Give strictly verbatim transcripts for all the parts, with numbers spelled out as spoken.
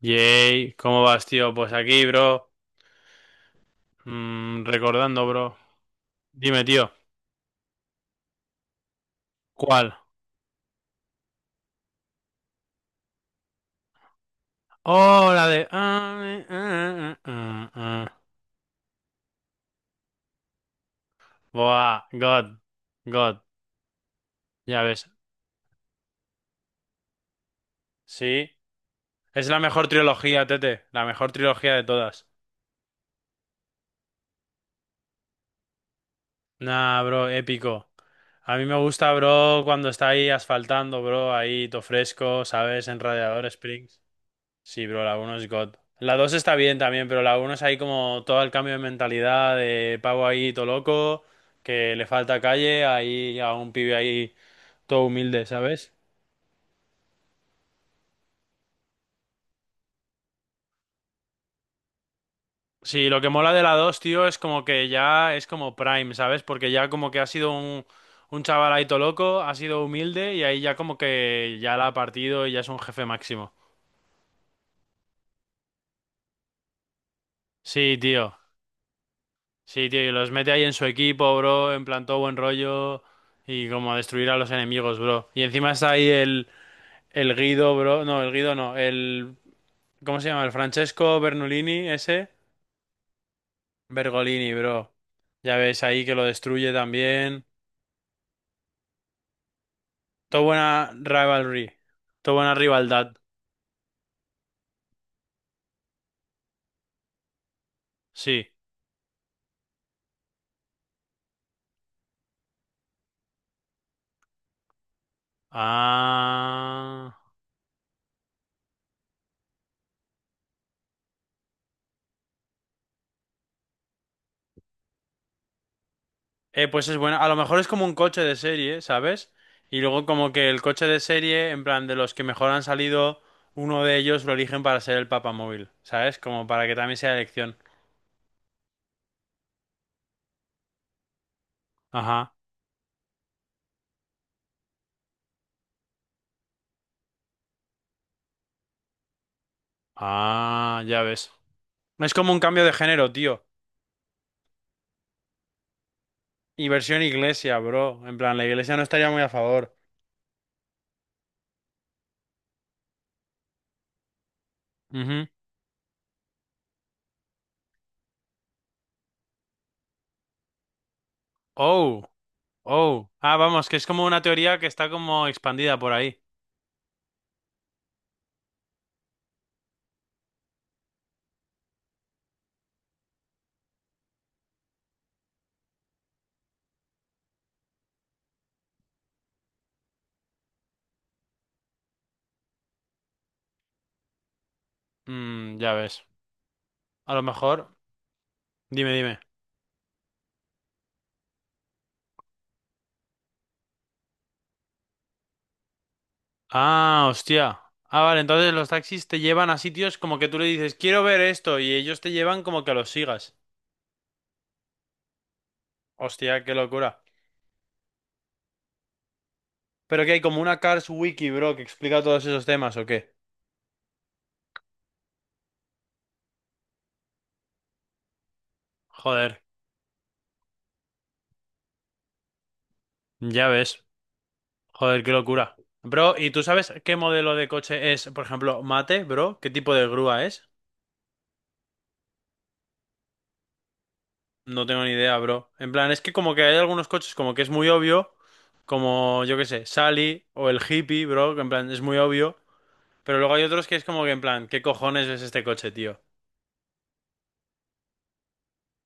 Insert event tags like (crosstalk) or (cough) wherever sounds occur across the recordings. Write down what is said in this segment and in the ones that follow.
Yay, ¿cómo vas, tío? Pues aquí, bro. Mm, recordando, bro. Dime, tío. ¿Cuál? Oh, la de... ah, eh, ah, ah, ah, ah. Buah, God. God. Ya ves. Sí. Es la mejor trilogía, Tete. La mejor trilogía de todas. Nah, bro, épico. A mí me gusta, bro, cuando está ahí asfaltando, bro. Ahí, todo fresco, ¿sabes? En Radiador Springs. Sí, bro, la uno es God. La dos está bien también, pero la uno es ahí como todo el cambio de mentalidad de pavo ahí todo loco, que le falta calle, ahí a un pibe ahí todo humilde, ¿sabes? Sí, lo que mola de la dos, tío, es como que ya es como Prime, ¿sabes? Porque ya como que ha sido un, un chaval ahí todo loco, ha sido humilde y ahí ya como que ya la ha partido y ya es un jefe máximo. Sí, tío. Sí, tío, y los mete ahí en su equipo, bro, en plan todo buen rollo y como a destruir a los enemigos, bro. Y encima está ahí el, el Guido, bro. No, el Guido no, el... ¿Cómo se llama? El Francesco Bernolini, ese. Bergolini, bro. Ya ves ahí que lo destruye también. Todo buena rivalry. Todo buena rivalidad. Sí. Ah. Eh, pues es bueno. A lo mejor es como un coche de serie, ¿sabes? Y luego como que el coche de serie, en plan de los que mejor han salido, uno de ellos lo eligen para ser el papamóvil, ¿sabes? Como para que también sea elección. Ajá. Ah, ya ves. Es como un cambio de género, tío. Y versión iglesia, bro. En plan, la iglesia no estaría muy a favor. Ujú. Oh, oh. Ah, vamos, que es como una teoría que está como expandida por ahí. Mm, ya ves. A lo mejor. Dime, dime. Ah, hostia. Ah, vale, entonces los taxis te llevan a sitios como que tú le dices, quiero ver esto, y ellos te llevan como que los sigas. Hostia, qué locura. Pero que hay como una Cars Wiki, bro, que explica todos esos temas, ¿o qué? Joder, ya ves. Joder, qué locura. Bro, ¿y tú sabes qué modelo de coche es, por ejemplo, Mate, bro? ¿Qué tipo de grúa es? No tengo ni idea, bro. En plan, es que como que hay algunos coches como que es muy obvio, como yo qué sé, Sally o el Hippie, bro, que en plan es muy obvio. Pero luego hay otros que es como que en plan, ¿qué cojones es este coche, tío?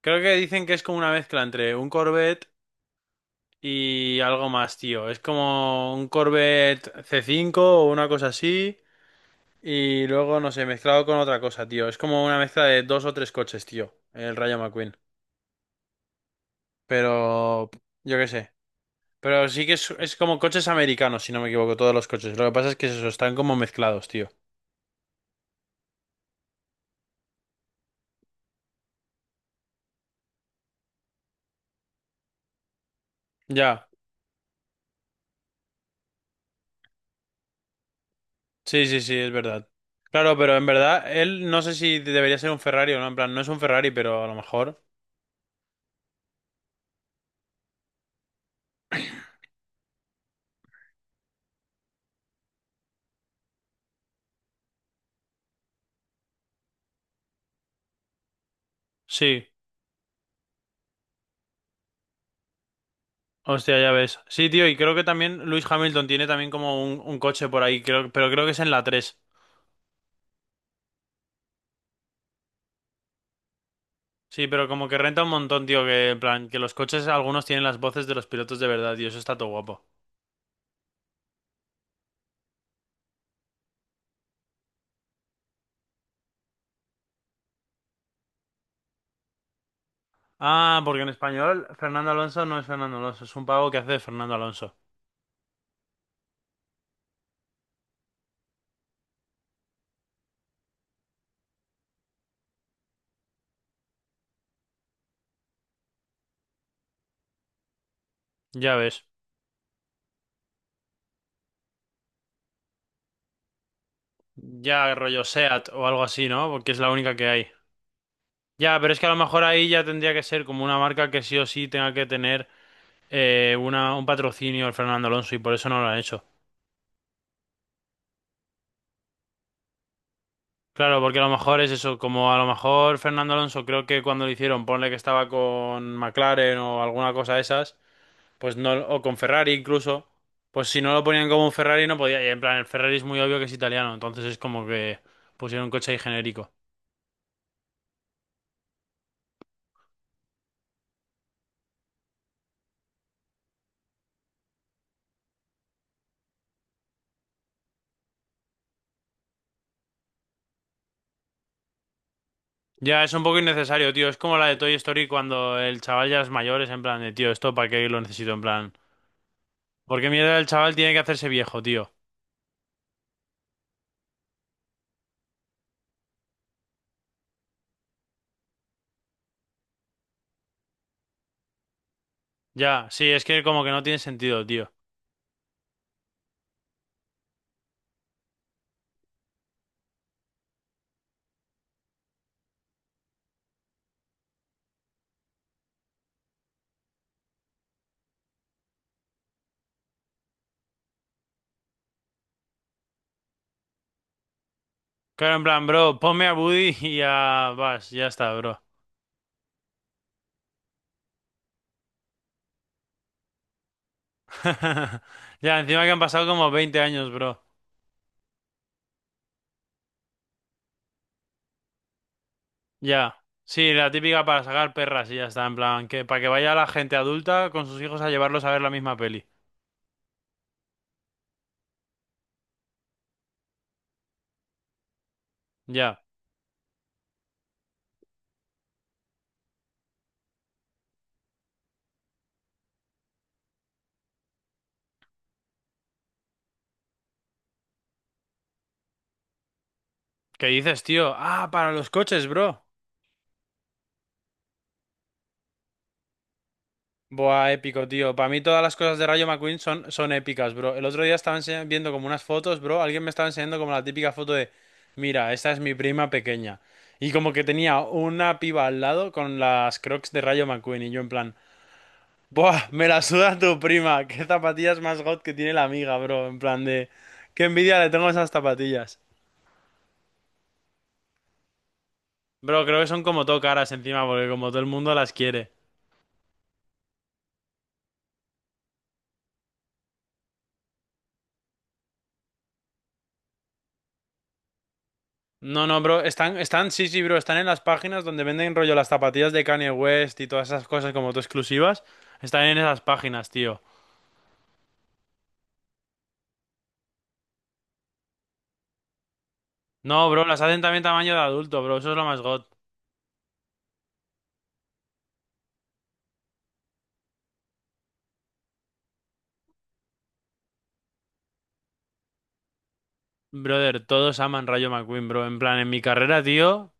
Creo que dicen que es como una mezcla entre un Corvette y algo más, tío. Es como un Corvette c cinco o una cosa así. Y luego, no sé, mezclado con otra cosa, tío. Es como una mezcla de dos o tres coches, tío. El Rayo McQueen. Pero, yo qué sé. Pero sí que es, es como coches americanos, si no me equivoco, todos los coches. Lo que pasa es que es eso, están como mezclados, tío. Ya. Sí, sí, sí, es verdad. Claro, pero en verdad, él no sé si debería ser un Ferrari o no. En plan, no es un Ferrari, pero a lo mejor. Sí, hostia, ya ves. Sí, tío, y creo que también Lewis Hamilton tiene también como un, un coche por ahí, creo, pero creo que es en la tres. Sí, pero como que renta un montón, tío, que en plan, que los coches algunos tienen las voces de los pilotos de verdad, tío, eso está todo guapo. Ah, porque en español Fernando Alonso no es Fernando Alonso, es un pavo que hace de Fernando Alonso. Ya ves. Ya rollo Seat o algo así, ¿no? Porque es la única que hay. Ya, pero es que a lo mejor ahí ya tendría que ser como una marca que sí o sí tenga que tener eh, una, un patrocinio el Fernando Alonso y por eso no lo han hecho. Claro, porque a lo mejor es eso, como a lo mejor Fernando Alonso creo que cuando lo hicieron, ponle que estaba con McLaren o alguna cosa de esas, pues no, o con Ferrari incluso, pues si no lo ponían como un Ferrari no podía, y en plan el Ferrari es muy obvio que es italiano, entonces es como que pusieron un coche ahí genérico. Ya, es un poco innecesario, tío, es como la de Toy Story cuando el chaval ya es mayor, es en plan de, tío, esto para qué lo necesito, en plan... Porque mierda el chaval tiene que hacerse viejo, tío. Ya, sí, es que como que no tiene sentido, tío. Claro, en plan, bro, ponme a Buddy y ya vas, ya está, bro. (laughs) Ya, encima que han pasado como veinte años, bro. Ya. Sí, la típica para sacar perras y ya está, en plan, que para que vaya la gente adulta con sus hijos a llevarlos a ver la misma peli. Ya. ¿Qué dices, tío? Ah, para los coches, bro. Buah, épico, tío. Para mí todas las cosas de Rayo McQueen son, son épicas, bro. El otro día estaba enseña- viendo como unas fotos, bro. Alguien me estaba enseñando como la típica foto de, mira, esta es mi prima pequeña. Y como que tenía una piba al lado con las Crocs de Rayo McQueen y yo en plan, buah, me la suda tu prima. Qué zapatillas más god que tiene la amiga, bro. En plan de, qué envidia le tengo a esas zapatillas. Bro, creo que son como todo caras encima porque como todo el mundo las quiere. No, no, bro, están, están, sí, sí, bro, están en las páginas donde venden rollo las zapatillas de Kanye West y todas esas cosas como tú exclusivas. Están en esas páginas, tío. No, bro, las hacen también tamaño de adulto, bro, eso es lo más god. Brother, todos aman Rayo McQueen, bro. En plan, en mi carrera, tío,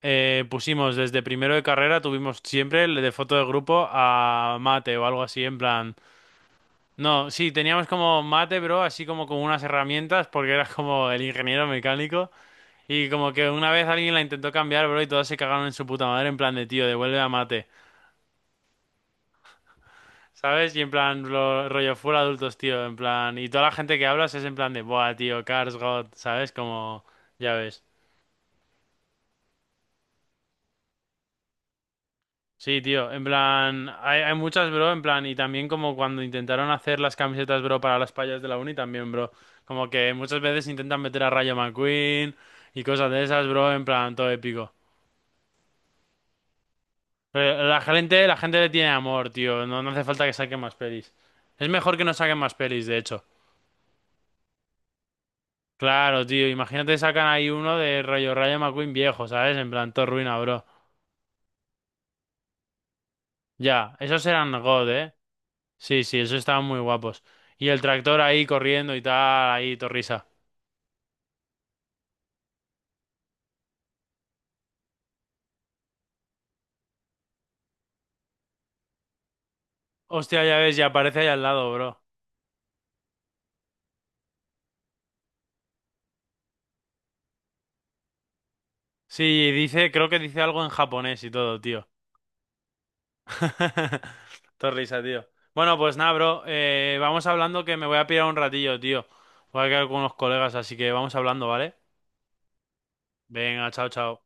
eh, pusimos desde primero de carrera, tuvimos siempre el de foto de grupo a Mate o algo así, en plan. No, sí, teníamos como Mate, bro, así como con unas herramientas, porque era como el ingeniero mecánico. Y como que una vez alguien la intentó cambiar, bro, y todos se cagaron en su puta madre, en plan de tío, devuelve a mate, ¿sabes? Y en plan, lo, rollo full adultos, tío, en plan. Y toda la gente que hablas es en plan de, buah, tío, Cars God, ¿sabes? Como, ya ves. Sí, tío, en plan, hay, hay muchas, bro, en plan, y también como cuando intentaron hacer las camisetas, bro, para las payas de la uni, también, bro. Como que muchas veces intentan meter a Rayo McQueen y cosas de esas, bro, en plan, todo épico. Pero la gente, la gente le tiene amor, tío. No, no hace falta que saquen más pelis. Es mejor que no saquen más pelis, de hecho. Claro, tío. Imagínate sacan ahí uno de rollo Rayo McQueen viejo, ¿sabes? En plan, todo ruina, bro. Ya, esos eran God, ¿eh? Sí, sí, esos estaban muy guapos. Y el tractor ahí corriendo y tal, ahí, torrisa. Hostia, ya ves, ya aparece ahí al lado, bro. Sí, dice, creo que dice algo en japonés y todo, tío. (laughs) Todo risa, tío. Bueno, pues nada, bro. eh, vamos hablando que me voy a pirar un ratillo, tío. Voy a quedar con unos colegas, así que vamos hablando, ¿vale? Venga, chao, chao.